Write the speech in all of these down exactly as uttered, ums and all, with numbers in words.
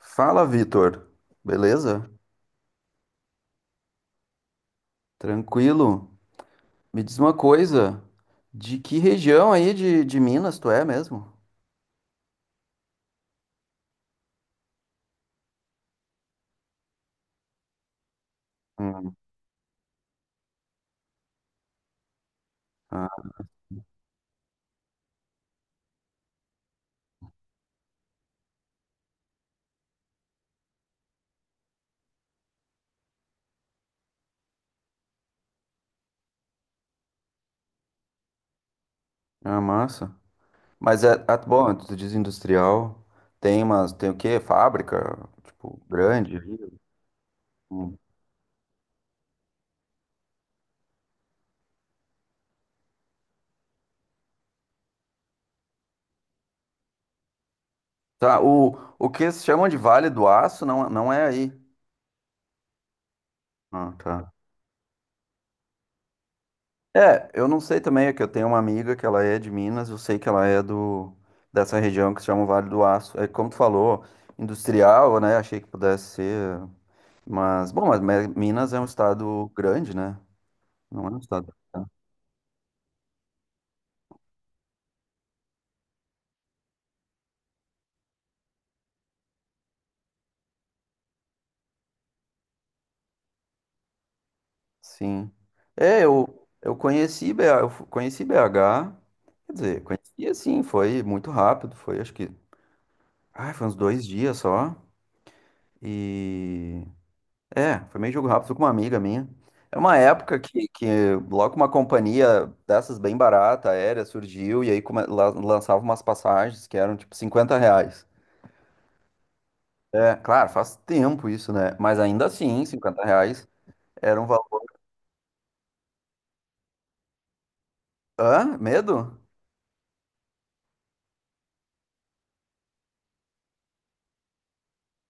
Fala, Vitor. Beleza? Tranquilo? Me diz uma coisa, de que região aí de, de Minas tu é mesmo? Hum, ah, ah, Massa. Mas é, ah, bom, tu diz industrial, tem umas, tem o quê? Fábrica, tipo, grande aí? Hum. Tá, o, o que se chamam de Vale do Aço não, não é aí. Ah, tá. É, eu não sei também, é que eu tenho uma amiga que ela é de Minas, eu sei que ela é do dessa região que se chama Vale do Aço. É como tu falou, industrial, né? Achei que pudesse ser, mas bom, mas Me- Minas é um estado grande, né? Não é um estado. Sim. É, eu eu conheci B H, eu fu- conheci BH, quer dizer, conheci assim, foi muito rápido, foi acho que, ah, foi uns dois dias só. E É, foi meio jogo rápido, fui com uma amiga minha. É uma época que, que logo uma companhia dessas bem barata, aérea, surgiu e aí come- la- lançava umas passagens que eram tipo cinquenta reais. É, claro, faz tempo isso, né? Mas ainda assim, cinquenta reais era um valor. Hã? Medo?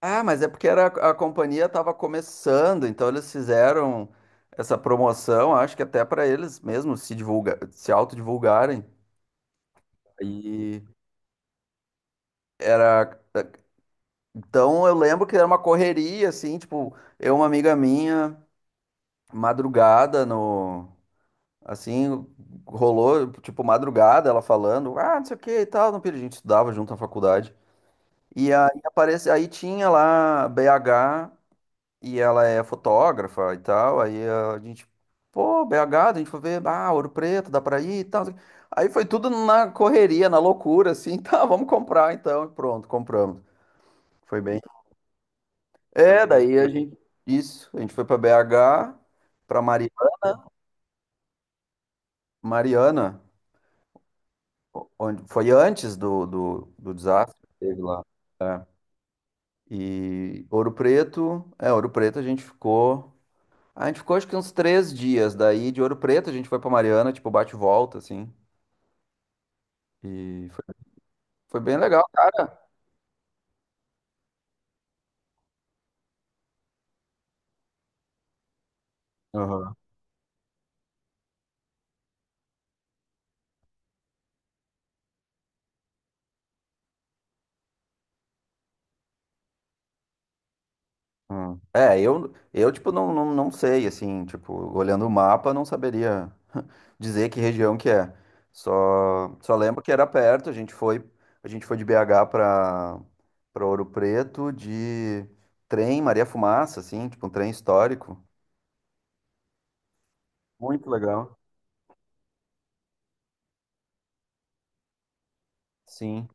Ah, mas é porque era, a companhia estava começando, então eles fizeram essa promoção, acho que até para eles mesmos se divulga, se autodivulgarem. E era. Então eu lembro que era uma correria, assim, tipo, eu e uma amiga minha, madrugada no. Assim, rolou, tipo, madrugada, ela falando, ah, não sei o que e tal, não perdi, a gente estudava junto na faculdade. E aí aparece, aí tinha lá B H e ela é fotógrafa e tal, aí a gente, pô, B H, a gente foi ver, ah, Ouro Preto, dá pra ir e tal. Aí foi tudo na correria, na loucura, assim, tá, vamos comprar então, e pronto, compramos. Foi bem. É, uhum. Daí a gente. Isso, a gente foi para B H, para Mari... Mariana, o- onde foi antes do, do, do desastre que teve lá. É. E Ouro Preto, é, Ouro Preto a gente ficou. A gente ficou acho que uns três dias. Daí de Ouro Preto a gente foi para Mariana, tipo, bate e volta, assim. E foi, foi bem legal, cara. Hum. É, eu, eu tipo, não, não, não sei, assim, tipo, olhando o mapa, não saberia dizer que região que é. Só, só lembro que era perto, a gente foi, a gente foi de B H para para Ouro Preto de trem Maria Fumaça, assim, tipo, um trem histórico. Muito legal. Sim.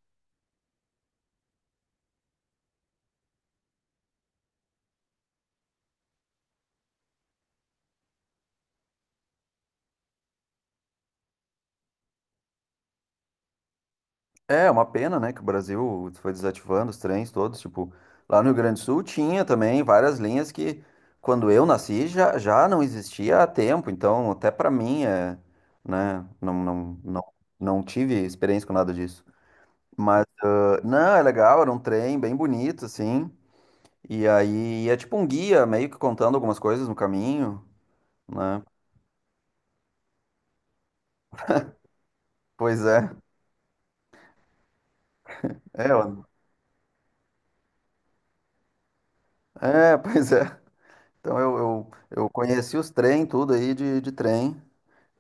É é uma pena, né, que o Brasil foi desativando os trens todos, tipo, lá no Rio Grande do Sul tinha também várias linhas que quando eu nasci já, já não existia há tempo, então até pra mim é, né, não, não, não, não tive experiência com nada disso. Mas ah, não, é legal, era um trem bem bonito assim. E aí é tipo um guia meio que contando algumas coisas no caminho, né? Pois é. É, eu- é, pois é. Então eu, eu, eu conheci os trem tudo aí de, de trem.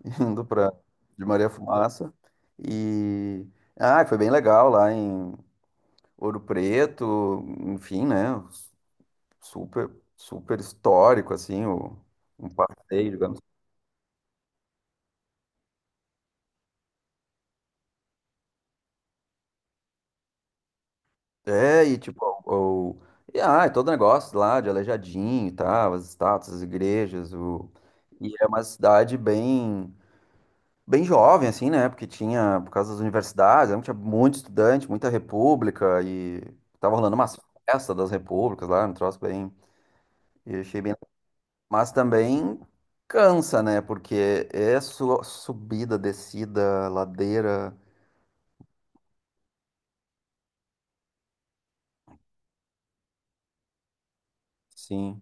indo para de Maria Fumaça e ah, foi bem legal lá em Ouro Preto, enfim, né? Super, super histórico assim, o, um passeio, digamos. É, e tipo, o, o- e, ah, é todo negócio lá de Aleijadinho e tal, as estátuas, as igrejas, o... E é uma cidade bem bem jovem, assim, né? Porque tinha, por causa das universidades, né, tinha muito estudante, muita república, e tava rolando umas festas das repúblicas lá, um troço bem. E eu achei bem. Mas também cansa, né? Porque é su- subida, descida, ladeira, sim.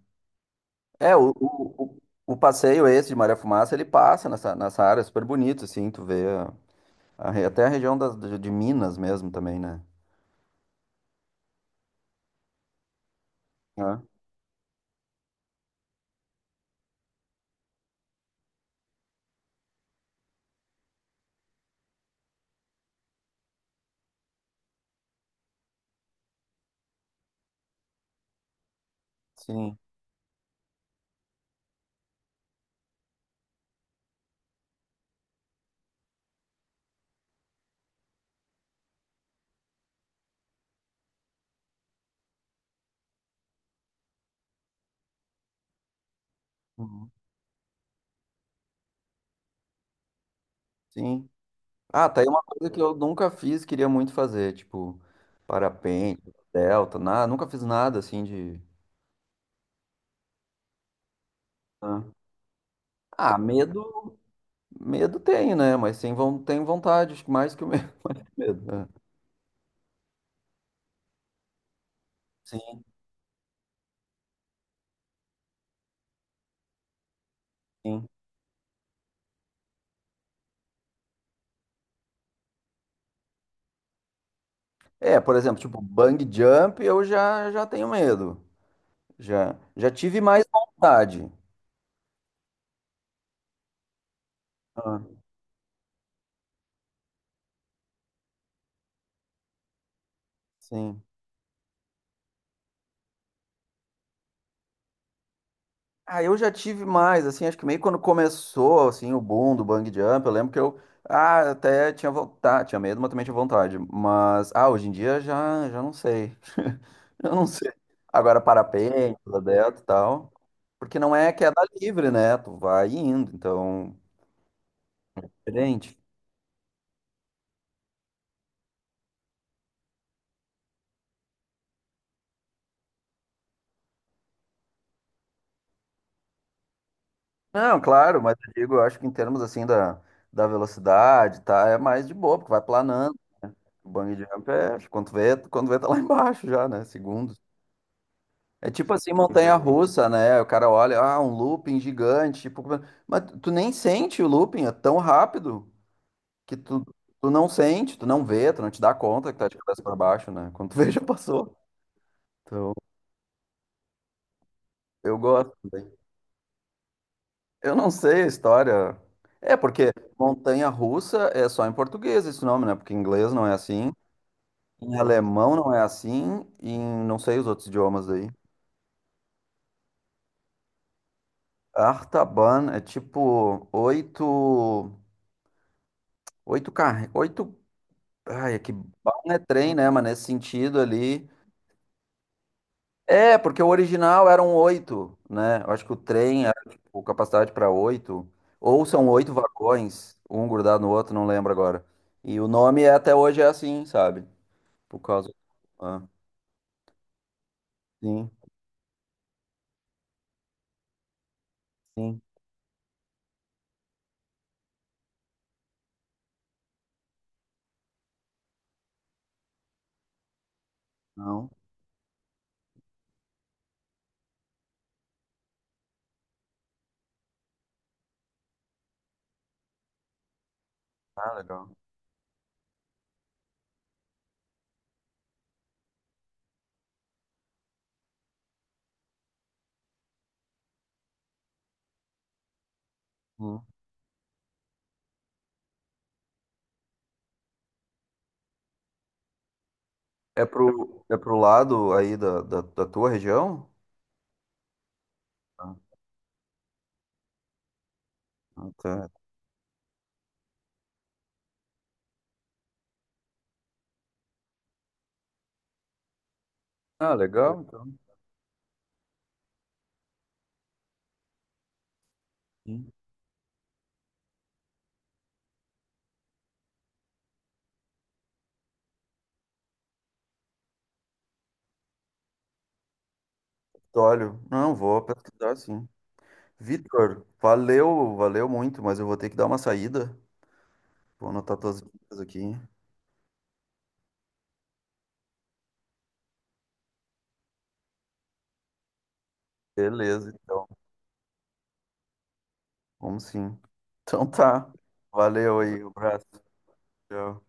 É, o, o, o o passeio esse de Maria Fumaça, ele passa nessa, nessa área super bonito, assim, tu vê a- a re- até a região das, de, de Minas mesmo também, né? É, sim. Uhum. Sim. Ah, tá aí uma coisa que eu nunca fiz, queria muito fazer, tipo, parapente, delta, nada, nunca fiz nada assim de. Ah, Ah, medo, medo tem, né? Mas sem von, tem vontade, acho que mais que o medo. Medo, né? Sim, sim. É, por exemplo, tipo, bang jump eu já, já tenho medo. Já, já tive mais vontade. Ah, sim. Ah, eu já tive mais, assim, acho que meio quando começou, assim, o boom do bang jump, eu lembro que eu, ah, até tinha vontade, tinha medo, mas também tinha vontade, mas, ah, hoje em dia já, já não sei, eu não sei. Agora parapente, aberto e tal, porque não é queda livre, né, tu vai indo, então, diferente. Não, claro, mas eu digo, eu acho que em termos, assim, da, da velocidade, tá, é mais de boa, porque vai planando, o bang jump é, quando vê, quando vê tá lá embaixo já, né, segundo. É tipo assim, montanha-russa, né? O cara olha, ah, um looping gigante, tipo, mas tu nem sente o looping, é tão rápido que tu, tu não sente, tu não vê, tu não te dá conta que tá de cabeça pra baixo, né? Quando tu vê, já passou. Então, eu gosto também. Eu não sei a história. É, porque montanha-russa é só em português esse nome, né? Porque em inglês não é assim, em alemão não é assim, e em não sei os outros idiomas aí. Artaban é tipo oito, oito, car... oito. Ai, é que bala não é trem, né? Mas nesse sentido ali. É, porque o original eram oito, né? Eu acho que o trem era tipo, capacidade para oito. Ou são oito vagões, um grudado no outro, não lembro agora. E o nome é- até hoje é assim, sabe? Por causa. Ah, sim, sim. Não. Ah, legal. Hum. É pro, é pro lado aí da, da, da tua região? Ah, tá. Ah, legal, então. Sim. Olha, não, vou pesquisar sim. Vitor, valeu, valeu muito, mas eu vou ter que dar uma saída. Vou anotar tuas dicas aqui. Beleza, então. Vamos sim. Então tá. Valeu aí, um abraço. Tchau.